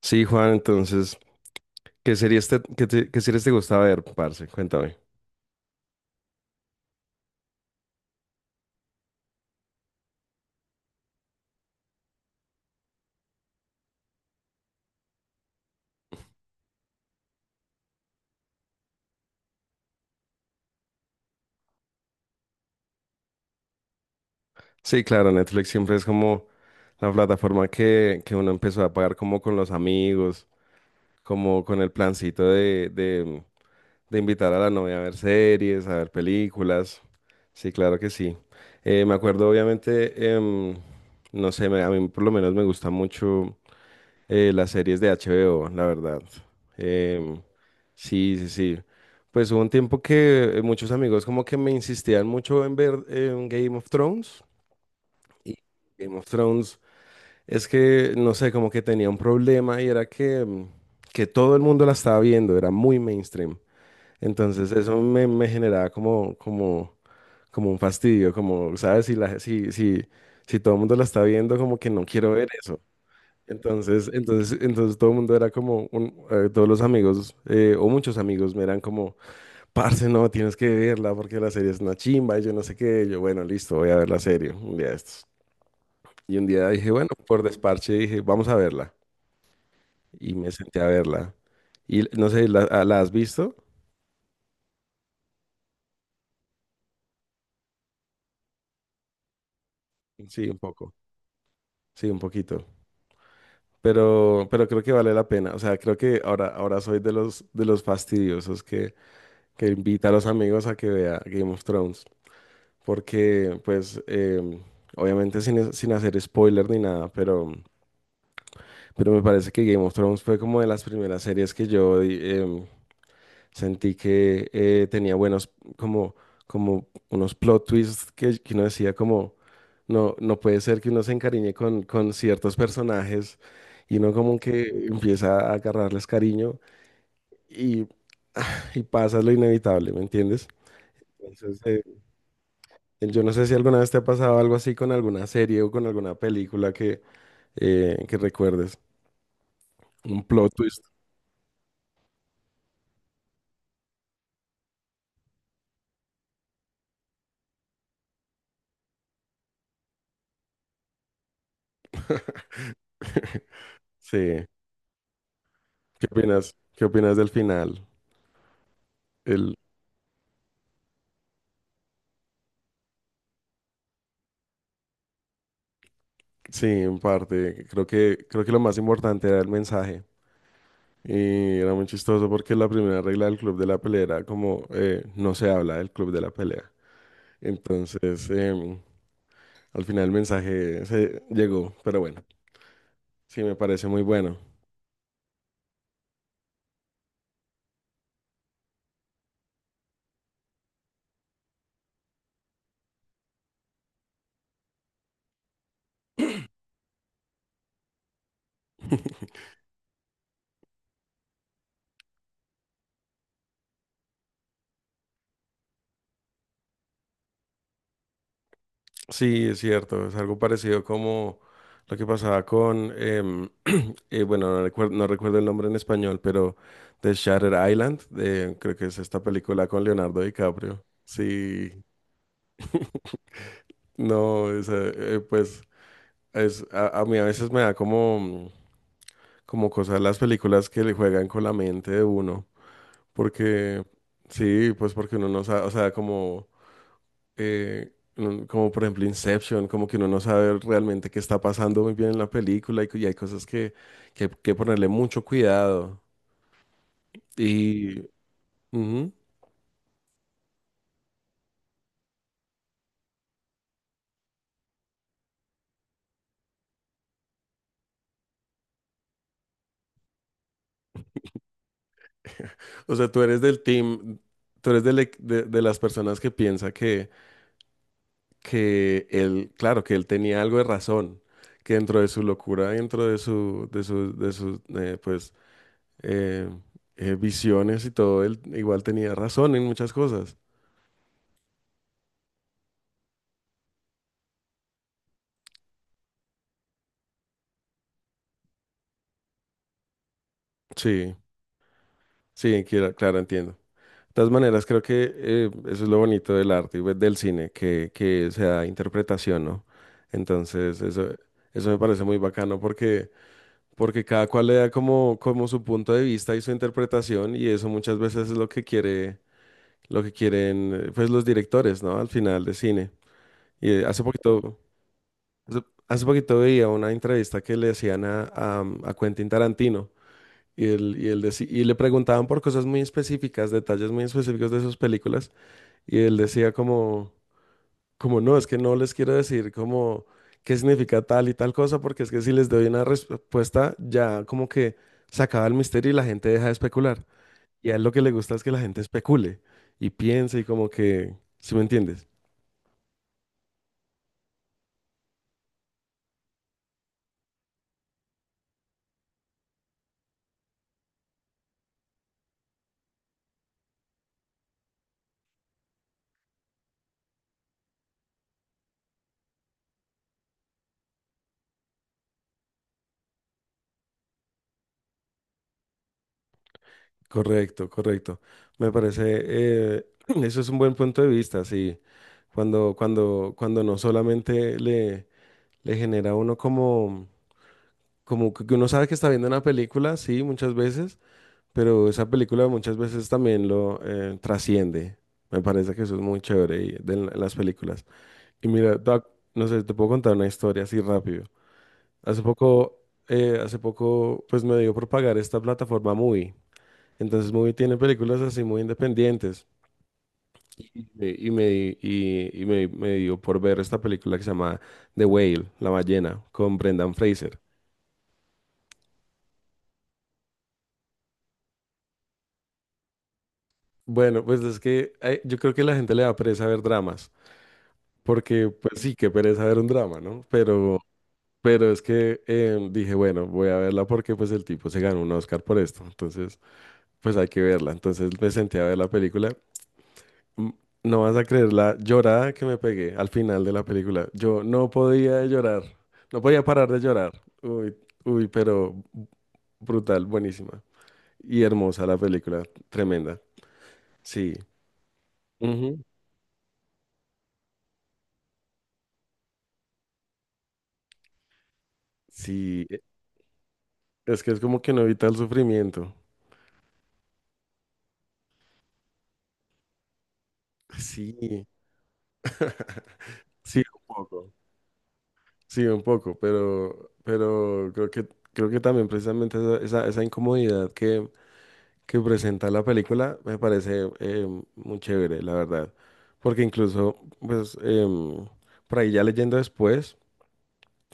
Sí, Juan, entonces, ¿qué series te- qué series te gusta ver, parce? Cuéntame. Sí, claro, Netflix siempre es como la plataforma que uno empezó a pagar como con los amigos, como con el plancito de invitar a la novia a ver series, a ver películas. Sí, claro que sí. Me acuerdo, obviamente, no sé, a mí por lo menos me gusta mucho. Las series de HBO, la verdad. Em, sí, sí, sí. Pues hubo un tiempo que muchos amigos como que me insistían mucho en ver Game of Thrones. Y Game of Thrones es que, no sé, como que tenía un problema y era que, que todo el mundo la estaba viendo, era muy mainstream. Entonces eso me generaba como un fastidio, como, ¿sabes? Si todo el mundo la está viendo, como que no quiero ver eso. Entonces todo el mundo era como, todos los amigos, o muchos amigos, me eran como, parce, no, tienes que verla porque la serie es una chimba y yo no sé qué. Yo, bueno, listo, voy a ver la serie un día de estos. Y un día dije, bueno, por desparche dije, vamos a verla. Y me senté a verla. Y no sé, ¿ la has visto? Sí, un poco. Sí, un poquito. Pero creo que vale la pena. O sea, creo que ahora soy de de los fastidiosos que invita a los amigos a que vea Game of Thrones. Porque pues obviamente sin hacer spoiler ni nada, pero me parece que Game of Thrones fue como de las primeras series que sentí que tenía buenos, como, como unos plot twists que uno decía como, no, no puede ser que uno se encariñe con ciertos personajes y uno como que empieza a agarrarles cariño y, y pasa lo inevitable, ¿me entiendes? Entonces, yo no sé si alguna vez te ha pasado algo así con alguna serie o con alguna película que recuerdes. Un plot twist. Sí. ¿Qué opinas? ¿Qué opinas del final? El, sí, en parte. Creo que lo más importante era el mensaje. Y era muy chistoso porque la primera regla del club de la pelea era como no se habla del club de la pelea. Entonces, al final el mensaje se llegó. Pero bueno, sí, me parece muy bueno. Sí, es cierto, es algo parecido como lo que pasaba con, bueno, no recuerdo, no recuerdo el nombre en español, pero de Shutter Island, creo que es esta película con Leonardo DiCaprio. Sí, no, esa, pues a mí a veces me da como, como cosas las películas que le juegan con la mente de uno, porque sí, pues porque uno no sabe, o sea, como... como por ejemplo Inception, como que uno no sabe realmente qué está pasando muy bien en la película y, y hay cosas que, que ponerle mucho cuidado. Y, ujú. O sea, tú eres del team, tú eres de las personas que piensa que él, claro, que él tenía algo de razón, que dentro de su locura, dentro de su, de su, de sus, pues, eh, visiones y todo, él igual tenía razón en muchas cosas. Sí, claro, entiendo. Todas maneras, creo que eso es lo bonito del arte y pues, del cine, que sea interpretación, ¿no? Entonces, eso me parece muy bacano porque, porque cada cual le da como, como su punto de vista y su interpretación, y eso muchas veces es lo que quiere, lo que quieren, pues, los directores, ¿no? Al final de cine. Y hace poquito, hace, hace poquito veía una entrevista que le hacían a Quentin Tarantino. Y y le preguntaban por cosas muy específicas, detalles muy específicos de sus películas. Y él decía como, como no, es que no les quiero decir como qué significa tal y tal cosa, porque es que si les doy una respuesta ya como que se acaba el misterio y la gente deja de especular. Y a él lo que le gusta es que la gente especule y piense y como que, ¿sí me entiendes? Correcto, correcto. Me parece, eh, eso es un buen punto de vista, sí. Cuando no solamente le genera a uno como, como que uno sabe que está viendo una película, sí, muchas veces pero esa película muchas veces también lo trasciende. Me parece que eso es muy chévere las películas. Y mira, no sé, te puedo contar una historia así rápido. Hace poco, hace poco, pues me dio por pagar esta plataforma Movie. Entonces Movie tiene películas así muy independientes. Y me di- y me- Me dio por ver esta película que se llama The Whale, La ballena, con Brendan Fraser. Bueno, pues es que yo creo que la gente le da pereza ver dramas. Porque, pues sí, qué pereza ver un drama, ¿no? Pero es que dije, bueno, voy a verla porque pues el tipo se ganó un Oscar por esto. Entonces, pues hay que verla. Entonces me senté a ver la película. Mm, No vas a creer la llorada que me pegué al final de la película. Yo no podía de llorar. No podía parar de llorar. Uy, uy, pero brutal, buenísima. Y hermosa la película, tremenda. Sí. Ujú. Sí, es que es como que no evita el sufrimiento. Sí. Sí, un poco. Sí, un poco, pero creo que también precisamente esa incomodidad que presenta la película me parece muy chévere, la verdad. Porque incluso, pues, por ahí ya leyendo después,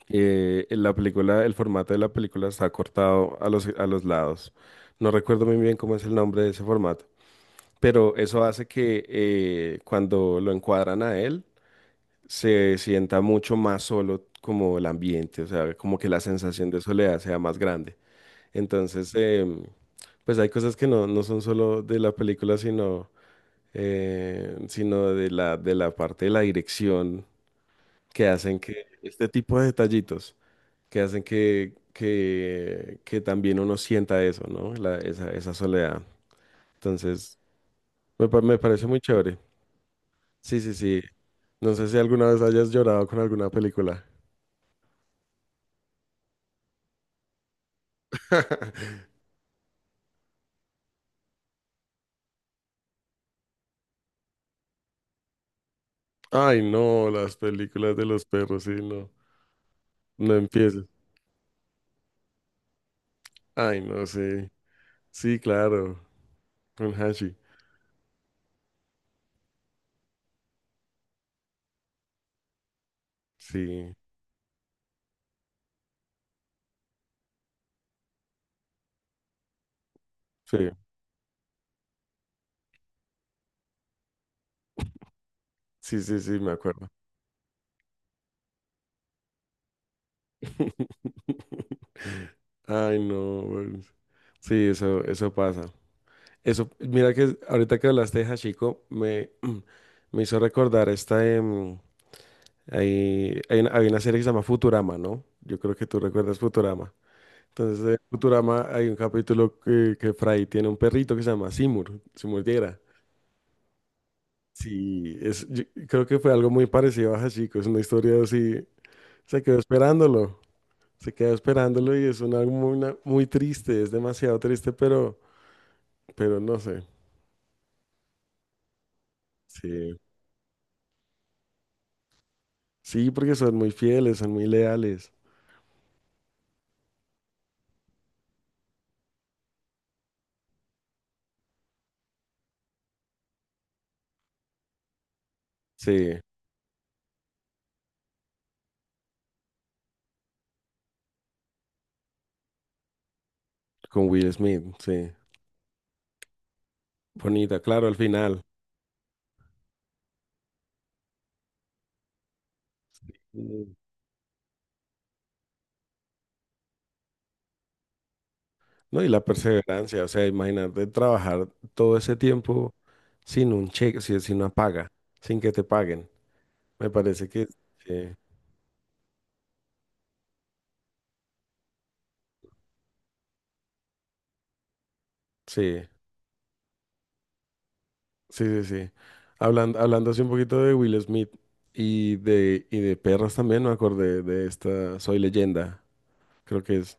en la película, el formato de la película está cortado a a los lados. No recuerdo muy bien cómo es el nombre de ese formato, pero eso hace que cuando lo encuadran a él, se sienta mucho más solo como el ambiente, o sea, como que la sensación de soledad sea más grande. Entonces, pues hay cosas que no, no son solo de la película, sino de de la parte de la dirección que hacen que este tipo de detallitos, que hacen que también uno sienta eso, ¿no? Esa, esa soledad. Entonces, me parece muy chévere. Sí, sí, sí. No sé si alguna vez hayas llorado con alguna película. Ay, no, las películas de los perros, sí, no. No empieces. Ay, no sé. Sí, claro. Con Hashi. Sí, sí, sí, sí, sí, me acuerdo. Ay, no. Bueno. Sí, eso pasa. Eso, mira que ahorita que hablaste de Hachiko, me, me hizo recordar esta. Hay, hay una serie que se llama Futurama, ¿no? Yo creo que tú recuerdas Futurama. Entonces, de Futurama hay un capítulo que Fry tiene un perrito que se llama Seymour, Seymour Yera. Sí, es, yo creo que fue algo muy parecido a Hachiko, es una historia así, se quedó esperándolo, se quedó esperándolo y es una muy, muy triste, es demasiado triste, pero no sé, sí, sí, porque son muy fieles, son muy leales, sí, con Will Smith, sí, bonita, claro, al final. ¿No? Y la perseverancia, o sea, imagínate trabajar todo ese tiempo sin un cheque, sin una paga, sin que te paguen. Me parece que eh, sí, sí, sí, sí. Hablando, hablando así un poquito de Will Smith y de perros también, me acordé de esta Soy Leyenda, creo que es.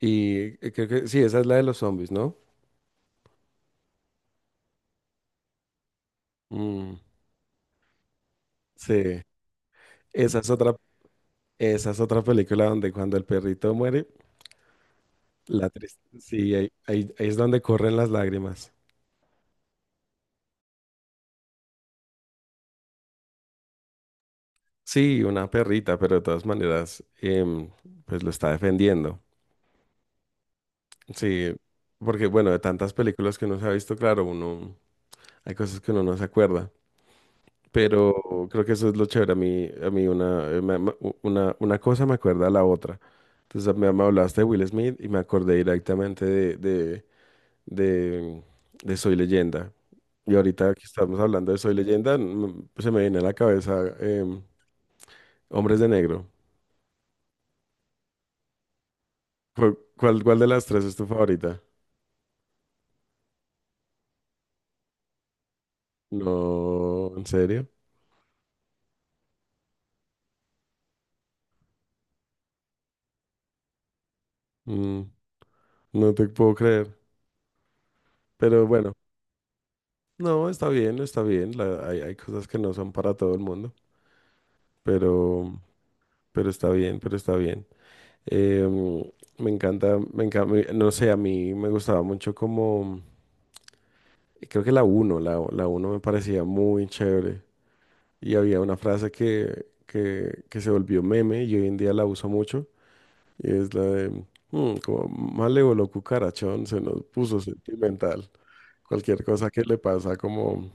Y creo que sí, esa es la de los zombies, ¿no? Mm, sí, esa es otra, esa es otra película donde cuando el perrito muere, la tristeza, sí, ahí es donde corren las lágrimas. Sí, una perrita, pero de todas maneras, pues lo está defendiendo. Sí, porque bueno, de tantas películas que uno se ha visto, claro, uno, hay cosas que uno no se acuerda, pero creo que eso es lo chévere. A mí una, una cosa me acuerda a la otra. Entonces me hablaste de Will Smith y me acordé directamente de, de Soy Leyenda. Y ahorita que estamos hablando de Soy Leyenda, se me viene a la cabeza Hombres de Negro. ¿Cuál, cuál de las tres es tu favorita? No, ¿en serio? Mm, no te puedo creer. Pero bueno, no, está bien, está bien. Hay, hay cosas que no son para todo el mundo, pero, pero está bien, pero está bien. Em, Me encanta, me encanta, no sé, a mí me gustaba mucho como, creo que la uno, la uno me parecía muy chévere. Y había una frase que se volvió meme y hoy en día la uso mucho. Y es la de, como malévolo cucarachón, se nos puso sentimental. Cualquier cosa que le pasa como,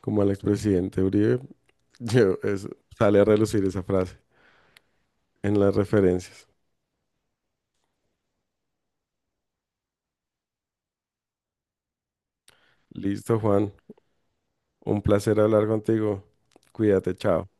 como al expresidente Uribe, yo- es- sale a relucir esa frase en las referencias. Listo, Juan, un placer hablar contigo. Cuídate, chao.